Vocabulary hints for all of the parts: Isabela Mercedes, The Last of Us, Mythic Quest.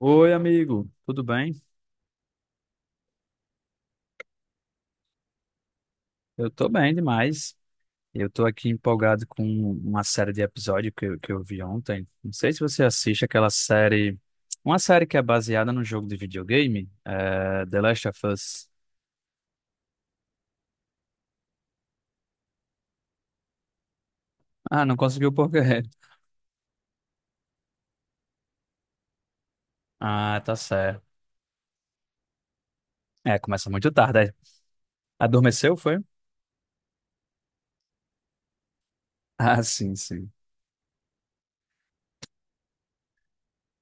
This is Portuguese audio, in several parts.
Oi, amigo, tudo bem? Eu tô bem demais. Eu tô aqui empolgado com uma série de episódios que eu vi ontem. Não sei se você assiste aquela série, uma série que é baseada no jogo de videogame, The Last of Us. Ah, não conseguiu por quê? Ah, tá certo. É, começa muito tarde. Adormeceu, foi? Ah, sim, sim.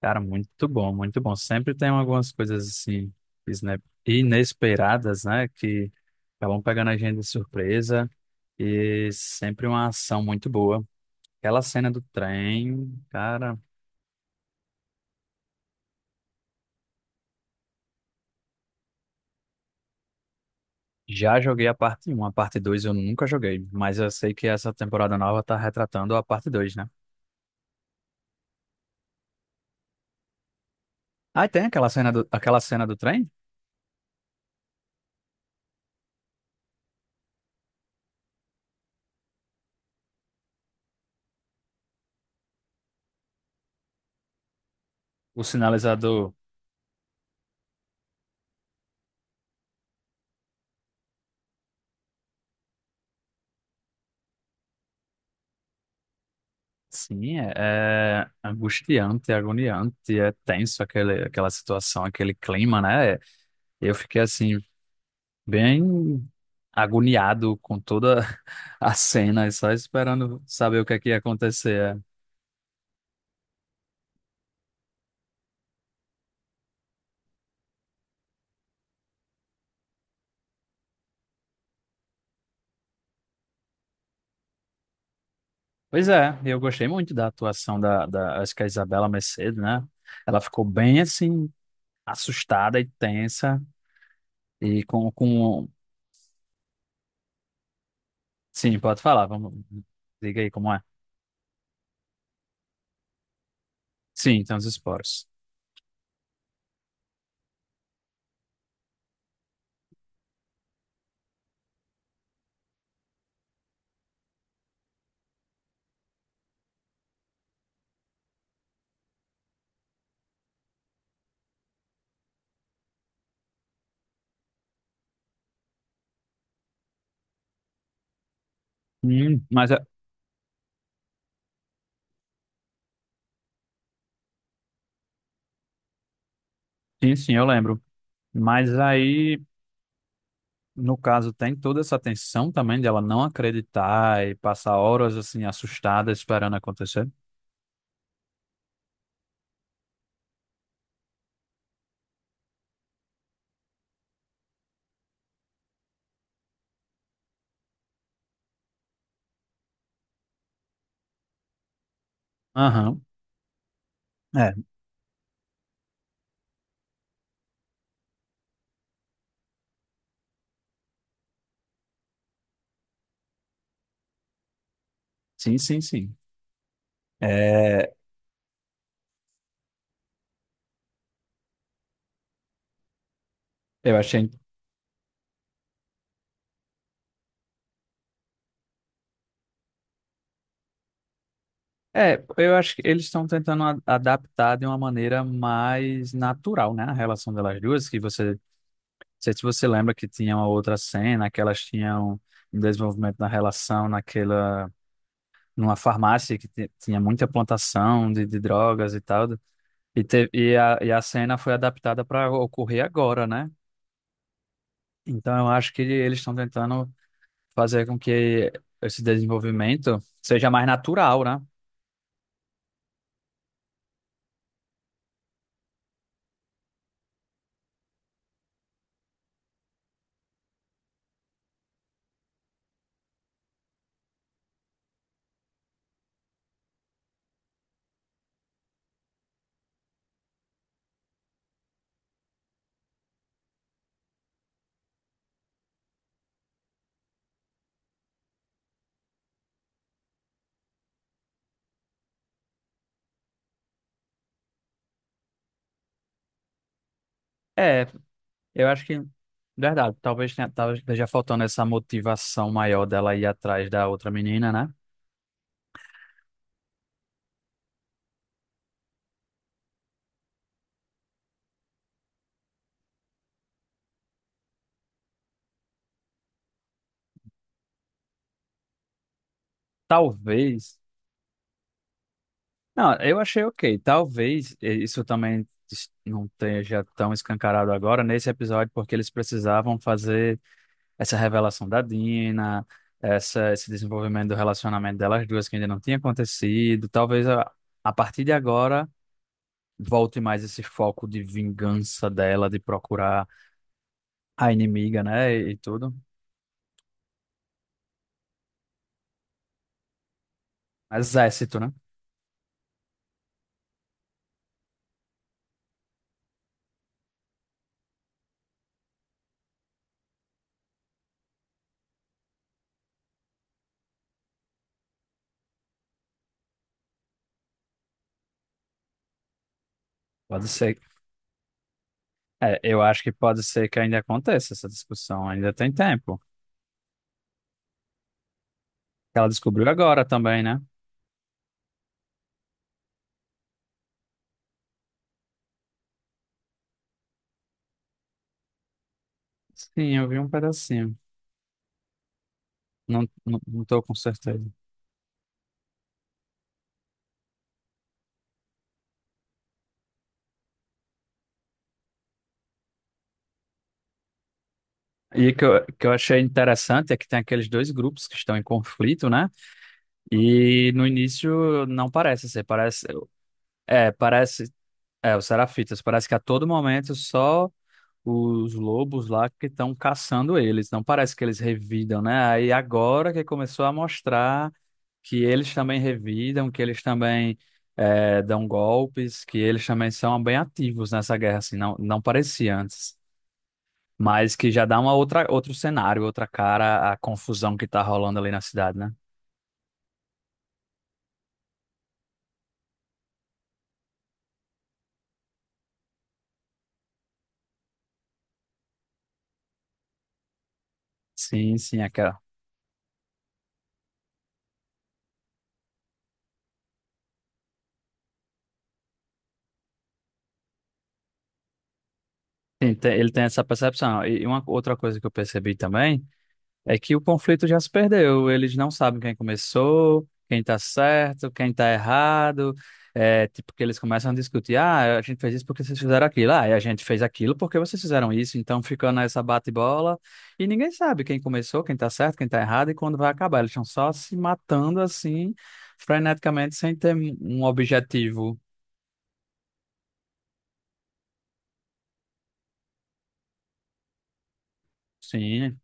Cara, muito bom, muito bom. Sempre tem algumas coisas assim inesperadas, né? Que acabam pegando a gente de surpresa e sempre uma ação muito boa. Aquela cena do trem, cara, já joguei a parte um, a parte 2 eu nunca joguei, mas eu sei que essa temporada nova tá retratando a parte dois, né? Ah, e tem aquela cena do trem? O sinalizador. Sim, é angustiante, é agoniante, é tenso aquele, aquela situação, aquele clima, né? Eu fiquei assim, bem agoniado com toda a cena, e só esperando saber o que é que ia acontecer. É. Pois é, eu gostei muito da atuação acho que é a Isabela Mercedes, né? Ela ficou bem assim, assustada e tensa, e com... Sim, pode falar, vamos... Diga aí como é. Sim, tem os esporos. Mas, sim, sim, eu lembro. Mas aí... No caso, tem toda essa tensão também de ela não acreditar e passar horas assim assustada esperando acontecer. Aham. É, sim, sim, sim. É, eu achei. É, eu acho que eles estão tentando adaptar de uma maneira mais natural, né? A relação delas duas, que você. Não sei se você lembra que tinha uma outra cena, que elas tinham um desenvolvimento da relação naquela, numa farmácia que tinha muita plantação de drogas e tal. E, e a cena foi adaptada para ocorrer agora, né? Então eu acho que eles estão tentando fazer com que esse desenvolvimento seja mais natural, né? É, eu acho que, verdade, talvez, talvez esteja faltando essa motivação maior dela ir atrás da outra menina, né? Talvez. Não, eu achei ok. Talvez eh, isso também não esteja tão escancarado agora nesse episódio, porque eles precisavam fazer essa revelação da Dina, essa, esse desenvolvimento do relacionamento delas duas que ainda não tinha acontecido. Talvez, a partir de agora, volte mais esse foco de vingança dela, de procurar a inimiga, né? E tudo. Exército, né? Pode ser. É, eu acho que pode ser que ainda aconteça essa discussão, ainda tem tempo. Ela descobriu agora também, né? Sim, eu vi um pedacinho. Não, não, não tô com certeza. E que eu achei interessante é que tem aqueles dois grupos que estão em conflito, né? E no início não parece ser. É, parece, os serafitas, parece que a todo momento só os lobos lá que estão caçando eles, não parece que eles revidam, né? Aí agora que começou a mostrar que eles também revidam, que eles também dão golpes, que eles também são bem ativos nessa guerra, assim, não, não parecia antes. Mas que já dá uma outra, outro cenário, outra cara a confusão que tá rolando ali na cidade, né? Sim, sim, aquela. Sim, ele tem essa percepção. E uma outra coisa que eu percebi também é que o conflito já se perdeu. Eles não sabem quem começou, quem tá certo, quem tá errado. É, tipo, que eles começam a discutir: ah, a gente fez isso porque vocês fizeram aquilo, ah, e a gente fez aquilo porque vocês fizeram isso. Então fica nessa bate-bola e ninguém sabe quem começou, quem tá certo, quem tá errado e quando vai acabar. Eles estão só se matando assim, freneticamente, sem ter um objetivo. Sim,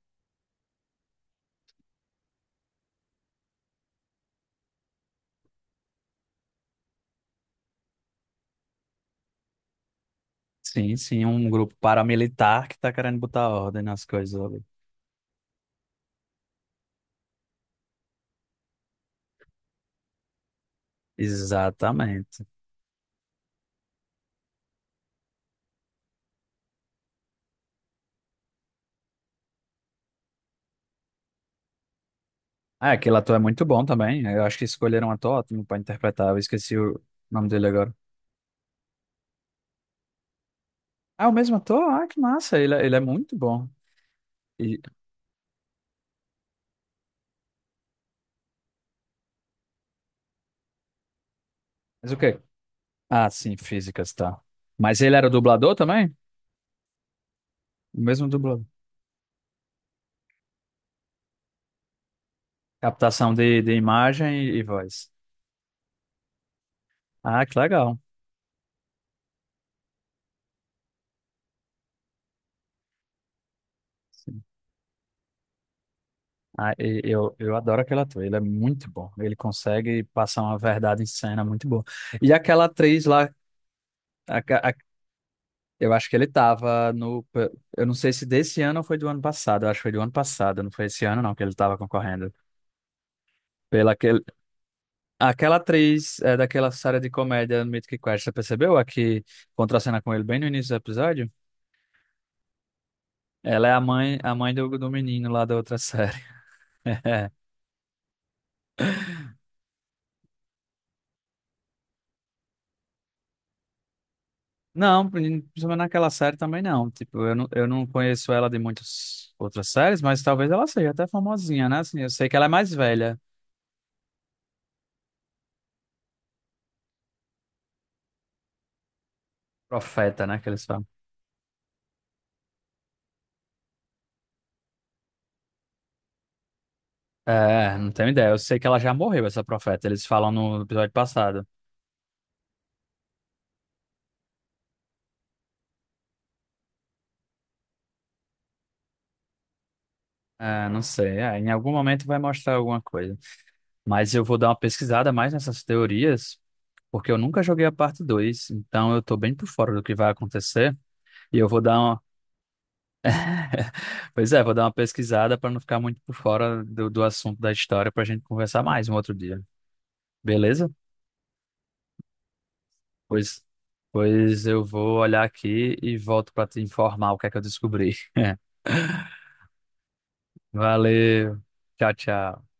sim, sim, um grupo paramilitar que tá querendo botar ordem nas coisas ali. Exatamente. Ah, aquele ator é muito bom também. Eu acho que escolheram um ator ótimo pra interpretar. Eu esqueci o nome dele agora. Ah, o mesmo ator? Ah, que massa. Ele, ele é muito bom. E... Mas o quê? Ah, sim, físicas, tá. Mas ele era dublador também? O mesmo dublador. Captação de imagem e voz. Ah, que legal. Ah, eu adoro aquele ator, ele é muito bom. Ele consegue passar uma verdade em cena muito boa. E aquela atriz lá, a- a- eu acho que ele tava no... Eu não sei se desse ano ou foi do ano passado, eu acho que foi do ano passado, não foi esse ano não que ele tava concorrendo. Pela aquele, aquela atriz é, daquela série de comédia Mythic Quest, você percebeu? A que contracena com ele bem no início do episódio? Ela é a mãe, do menino lá da outra série. Não, principalmente naquela série também não. Tipo, eu não conheço ela de muitas outras séries, mas talvez ela seja até famosinha, né? Assim, eu sei que ela é mais velha. Profeta, né? Que eles falam. É, não tenho ideia. Eu sei que ela já morreu, essa profeta. Eles falam no episódio passado. É, não sei. É, em algum momento vai mostrar alguma coisa. Mas eu vou dar uma pesquisada mais nessas teorias, porque eu nunca joguei a parte 2, então eu tô bem por fora do que vai acontecer. E eu vou dar uma pois é, vou dar uma pesquisada para não ficar muito por fora do assunto da história para a gente conversar mais um outro dia. Beleza? Pois, pois eu vou olhar aqui e volto para te informar o que é que eu descobri. Valeu. Tchau, tchau.